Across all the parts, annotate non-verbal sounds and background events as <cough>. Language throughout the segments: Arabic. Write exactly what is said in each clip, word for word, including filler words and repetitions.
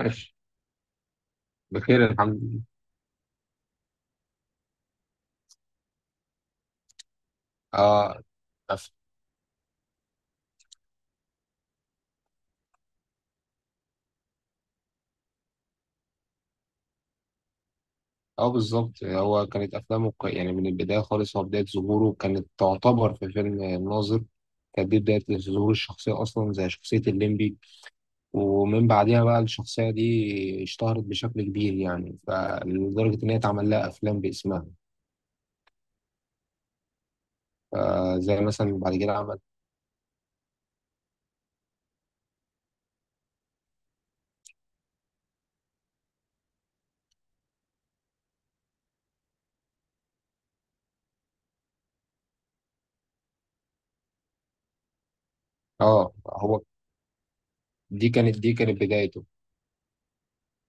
ماشي. بخير الحمد لله. اه. أف... اه، بالظبط هو كانت افلامه، ك- يعني من البدايه خالص هو بدايه ظهوره كانت تعتبر في فيلم الناظر. كانت دي بدايه ظهور الشخصيه اصلا، زي شخصيه الليمبي. ومن بعدها بقى الشخصيه دي اشتهرت بشكل كبير، يعني فلدرجه ان هي اتعمل لها افلام باسمها. فزي مثلا بعد كده عمل. اه هو دي كانت دي كانت بدايته.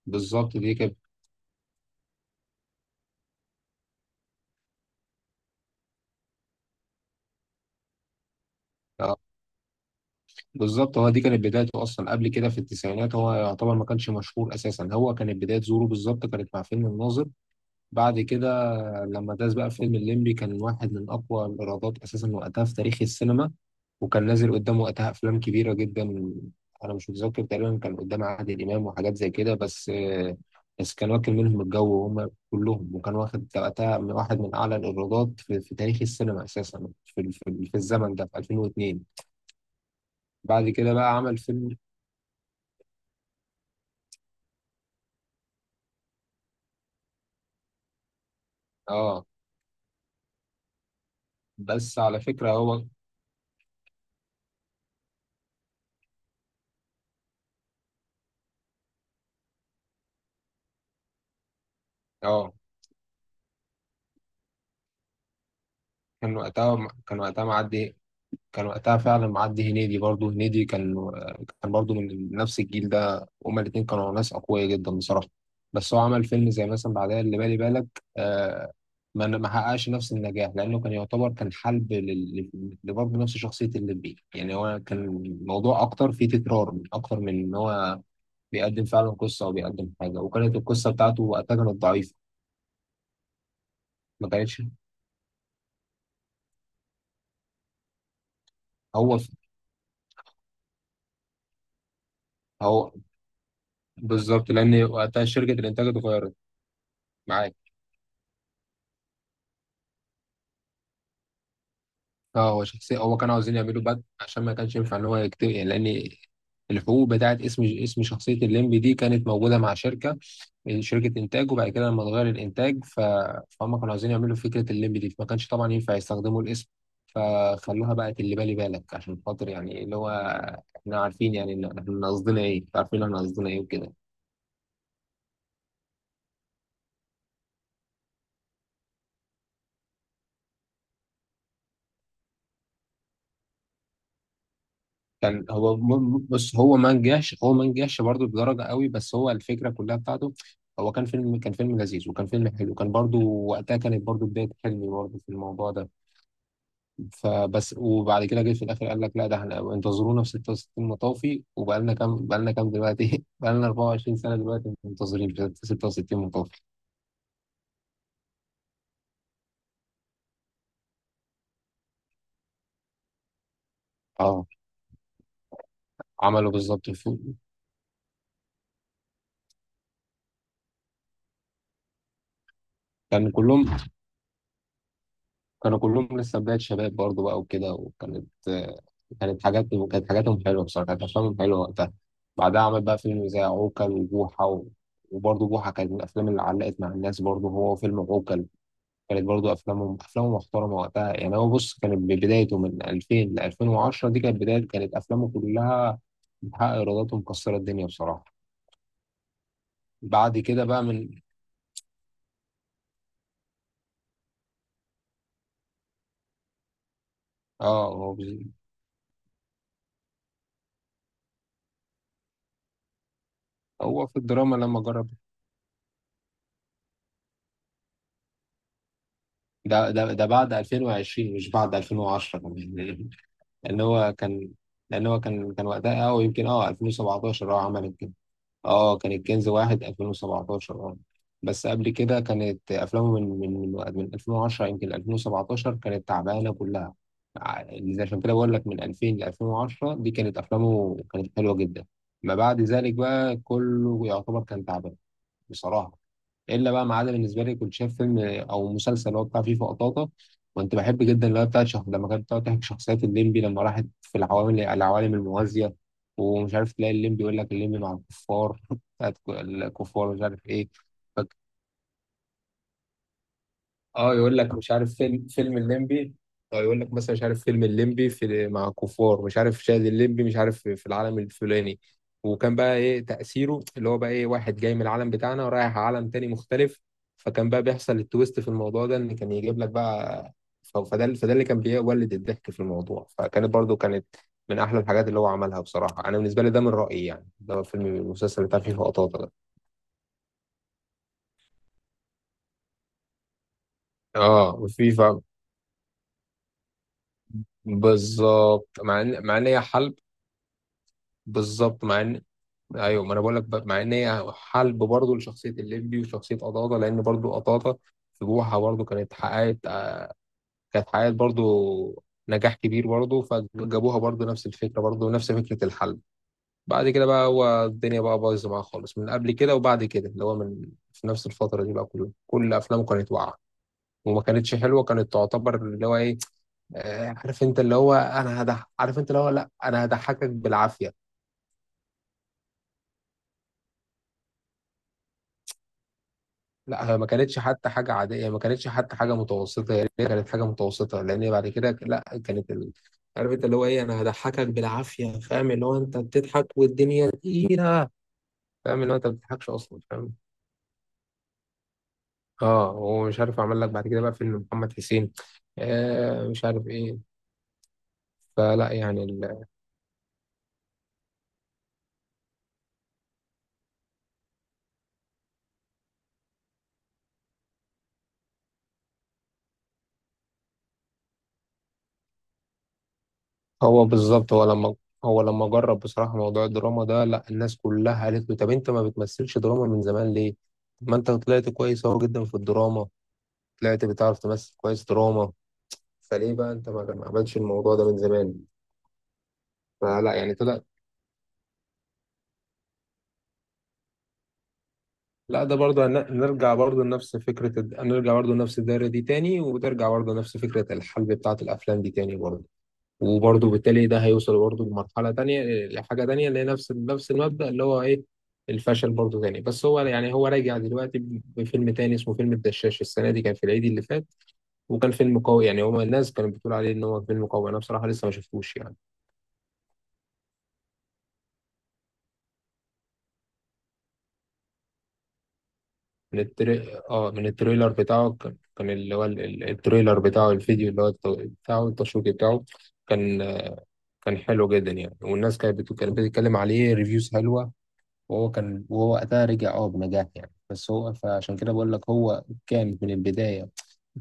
بالظبط دي كانت. آه، بالظبط هو دي كانت بدايته اصلا، قبل كده في التسعينات هو يعتبر ما كانش مشهور اساسا. هو كانت بدايه ظهوره بالظبط كانت مع فيلم الناظر. بعد كده لما داس بقى في فيلم الليمبي، كان واحد من اقوى الايرادات اساسا وقتها في تاريخ السينما. وكان نازل قدامه وقتها افلام كبيره جدا. انا مش متذكر تقريبا، كان قدام عادل امام وحاجات زي كده. بس بس كان واكل منهم الجو وهم كلهم، وكان واخد وقتها من واحد من اعلى الايرادات في, في تاريخ السينما اساسا، في, في, في الزمن ده، في ألفين واتنين. بعد كده بقى عمل فيلم. اه بس على فكرة هو. اه كان وقتها كان وقتها معدي. كان وقتها فعلا معدي هنيدي. برضه هنيدي كان كان برضه من نفس الجيل ده، هما الاتنين كانوا ناس أقوياء جدا بصراحة. بس هو عمل فيلم زي مثلا بعدها اللي بالي بالك. آه ما ما حققش نفس النجاح، لأنه كان يعتبر كان حلب لل- لل- لبرضه نفس شخصية الليمبي، يعني هو كان الموضوع أكتر فيه تكرار، من- أكتر من إن هو بيقدم فعلا قصة أو بيقدم حاجة، وكانت القصة بتاعته وقتها كانت ضعيفة. ما كانتش. هو هو بالظبط، لان وقتها شركه الانتاج اتغيرت. معاك. اه، هو شخصيا هو كانوا عاوزين يعملوا بد عشان ما كانش ينفع ان هو يكتب، يعني لان الحقوق بتاعت اسم اسم شخصيه الليمبي دي كانت موجوده مع شركه، شركه انتاج. وبعد كده لما اتغير الانتاج ف... فهم كانوا عاوزين يعملوا فكره الليمبي دي، فما كانش طبعا ينفع يستخدموا الاسم. فخلوها بقت اللي بالي بالك عشان خاطر يعني اللي هو احنا عارفين، يعني إن احنا قصدنا ايه، عارفين احنا قصدنا ايه وكده. كان هو م- بص هو ما نجحش، هو ما نجحش برضه بدرجه قوي، بس هو الفكره كلها بتاعته. هو كان فيلم، كان فيلم لذيذ وكان فيلم حلو. كان برضه وقتها كانت برضه بدايه حلمي برضه في الموضوع ده. فبس. وبعد كده جه في الاخر قال لك: لا، ده احنا انتظرونا في ستة وستين مطافي، وبقالنا كام، بقالنا كام دلوقتي؟ <laughs> بقالنا أربعة وعشرين سنه دلوقتي منتظرين في ستة وستين مطافي. اه، عملوا بالظبط الفيلم. كان كلهم كانوا كلهم لسه بداية شباب برضه بقى وكده. وكانت آه، كانت حاجاتهم كانت حاجاتهم حلوة بصراحة، كانت أفلامهم حلوة وقتها. بعدها عمل بقى فيلم زي عوكل وبوحة و... وبرضه بوحة كانت من الأفلام اللي علقت مع الناس، برضه هو فيلم عوكل. كانت برضه أفلامهم أفلامه محترمة وقتها، يعني هو بص كانت بدايته من ألفين ل ألفين وعشرة، دي كانت بداية. كانت أفلامه كلها بتحقق إيرادات ومكسرة الدنيا بصراحة. بعد كده بقى من. آه هو هو في الدراما لما جرب. ده ده ده بعد ألفين وعشرين مش بعد ألفين وعشرة كمان. <laughs> لان هو كان لان هو كان كان وقتها اه يمكن اه ألفين وسبعتاشر. اه عملت كده. اه كان الكنز واحد ألفين وسبعتاشر. اه. بس قبل كده كانت افلامه من من من من ألفين وعشرة يمكن ألفين وسبعتاشر كانت تعبانه كلها. ع- اللي عشان كده بقول لك من ألفين ل ألفين وعشرة دي كانت افلامه كانت حلوه جدا. ما بعد ذلك بقى كله يعتبر كان تعبان بصراحه. الا بقى ما عدا بالنسبه لي كنت شايف فيلم او مسلسل اللي هو بتاع فيفا قطاطا. كنت بحب جدا اللي هو بتاع شخ... لما كانت بتقعد تحكي شخصيات الليمبي، لما راحت في العوالم العوالم الموازيه، ومش عارف، تلاقي الليمبي يقول لك الليمبي مع الكفار <laughs> بتاعت الكفار مش عارف ايه. اه، يقول لك مش عارف فيلم فيلم الليمبي. اه، يقول لك مثلا مش عارف فيلم الليمبي في مع كفار، مش عارف شاهد الليمبي، مش عارف في في العالم الفلاني. وكان بقى ايه تأثيره اللي هو بقى ايه؟ واحد جاي من العالم بتاعنا ورايح عالم تاني مختلف، فكان بقى بيحصل التويست في الموضوع ده، ان كان يجيب لك بقى. ف- فده فده اللي كان بيولد الضحك في الموضوع. فكانت برضو كانت من احلى الحاجات اللي هو عملها بصراحة، انا بالنسبة لي ده من رأيي يعني، ده فيلم المسلسل بتاع فيه لقطات ده. اه. وفيفا بالظبط. مع ان مع ان هي حل بالظبط مع ان. ايوه، ما انا بقول لك، بقى- مع ان هي حلب برضه لشخصيه الليمبي وشخصيه قطاطه، لان برضه قطاطه في بوحه برضه كانت حققت، كانت حققت برضه نجاح كبير برضه، فجابوها برضه نفس الفكره، برضه نفس فكره الحلب. بعد كده بقى هو الدنيا بقى بايظه معاه خالص من قبل كده. وبعد كده اللي هو من في نفس الفتره دي بقى كلها، كل افلامه كانت واقعه وما كانتش حلوه. كانت تعتبر اللي هو ايه، آه، عارف انت اللي هو انا هضحك، عارف انت اللي هو لا، انا هضحكك بالعافيه. لا، هي ما كانتش حتى حاجة عادية، ما كانتش حتى حاجة متوسطة. هي كانت حاجة متوسطة، لأن هي بعد كده لا كانت ال... عارف انت اللي هو ايه، انا هضحكك بالعافية، فاهم؟ اللي هو انت بتضحك والدنيا تقيلة. فاهم اللي هو انت ما بتضحكش اصلا، فاهم؟ اه، ومش عارف اعمل لك بعد كده بقى فيلم محمد حسين. آه مش عارف ايه. فلا يعني ال... هو بالظبط هو لما هو لما جرب بصراحة موضوع الدراما ده، لا الناس كلها قالت له: طب انت ما بتمثلش دراما من زمان ليه؟ ما انت طلعت كويس اهو جدا في الدراما، طلعت بتعرف تمثل كويس دراما. فليه بقى انت ما ما عملتش الموضوع ده من زمان؟ فلا يعني طلع. لا، ده برضه هن- نرجع برضه لنفس فكرة الد- نرجع برضه لنفس الدايرة دي تاني. وترجع برضه لنفس فكرة الحلب بتاعة الأفلام دي تاني برضه. وبرضه بالتالي ده هيوصل برضه لمرحلة تانية لحاجة تانية، اللي هي نفس، نفس المبدأ اللي هو إيه؟ الفشل برضه تاني. بس هو يعني هو راجع دلوقتي ب- بفيلم تاني اسمه فيلم الدشاش. السنة دي كان في العيد اللي فات. وكان فيلم قوي، يعني هو الناس كانت بتقول عليه إن هو فيلم قوي. أنا بصراحة لسه ما شفتوش يعني. من التري... اه من التريلر بتاعه كان، كان اللي هو ال- ال- التريلر بتاعه، الفيديو اللي هو الت- بتاعه التشويق بتاعه، كان، كان حلو جدا يعني. والناس كانت بت... كانت بتتكلم عليه ريفيوز حلوة. وهو كان، وهو وقتها رجع اه بنجاح يعني. بس هو فعشان كده بقول لك هو كان من البداية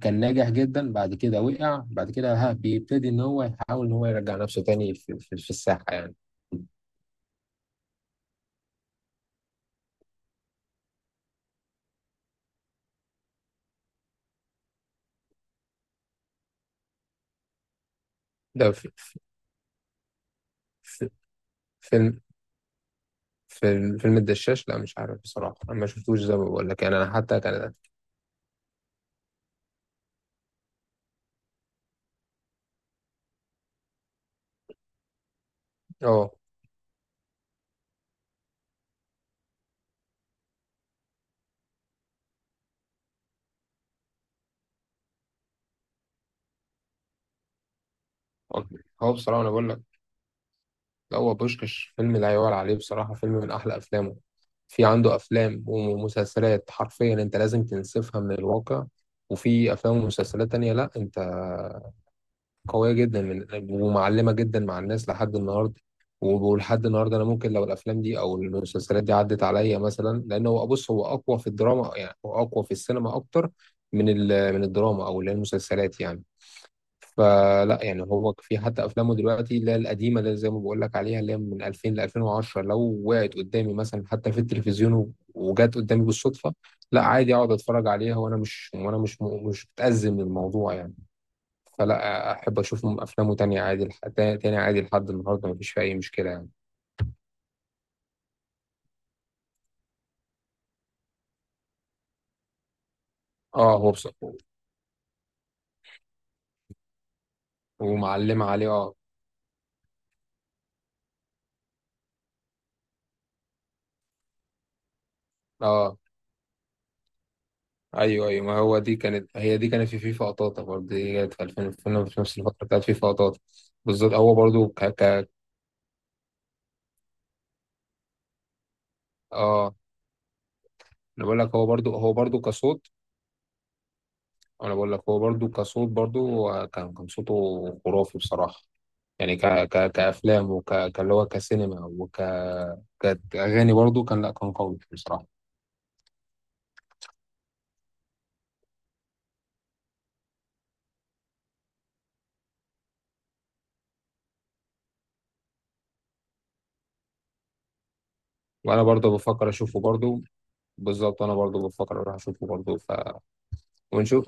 كان ناجح جدا. بعد كده وقع، بعد كده ها بيبتدي ان هو يحاول ان هو يرجع نفسه تاني في، في, في الساحة يعني. ده في في- فيلم فيلم فيلم الدشاش. لا مش عارف بصراحة، أنا ما شفتوش زي ما بقول لك يعني. أنا حتى كان. اه، هو بصراحة أنا بقول لك لا، هو بوشكش فيلم لا يعلى عليه بصراحة، فيلم من أحلى أفلامه. في عنده أفلام ومسلسلات حرفيا أنت لازم تنسفها من الواقع، وفي أفلام ومسلسلات تانية لا أنت، قوية جدا من، ومعلمة جدا مع الناس لحد النهاردة. ولحد النهاردة أنا ممكن لو الأفلام دي أو المسلسلات دي عدت عليا مثلا، لأن هو بص هو أقوى في الدراما، يعني هو أقوى في السينما أكتر من ال- من الدراما أو اللي هي المسلسلات يعني. فلا يعني هو في حتى افلامه دلوقتي اللي هي القديمه اللي زي ما بقول لك عليها اللي هي من ألفين ل ألفين وعشرة، لو وقعت قدامي مثلا حتى في التلفزيون و- وجت قدامي بالصدفه، لا عادي اقعد اتفرج عليها وانا مش، وانا مش م- مش متأزم من الموضوع يعني. فلا احب اشوف افلامه تاني عادي، لح- تا- تاني عادي لحد النهارده، مفيش فيها اي مشكله يعني. اه، هو بص ومعلمه عليه. اه. اه، ايوه ايوه، ما هو دي كانت هي دي كانت في فيفا قطاطا برضه، دي كانت في ألفين، في نفس الفتره بتاعت فيفا قطاطا. بالظبط هو برضه. اه، انا بقول لك هو برضو، هو برضو كصوت. انا بقول لك هو برضو كصوت. برضو هو كان، كان صوته خرافي بصراحة. يعني ك ك كأفلام وك كاللي هو كسينما وك كأغاني برضو، كان لا كان قوي بصراحة. وانا برضو بفكر اشوفه برضو. بالظبط انا برضو بفكر اروح اشوفه برضو ف. ونشوف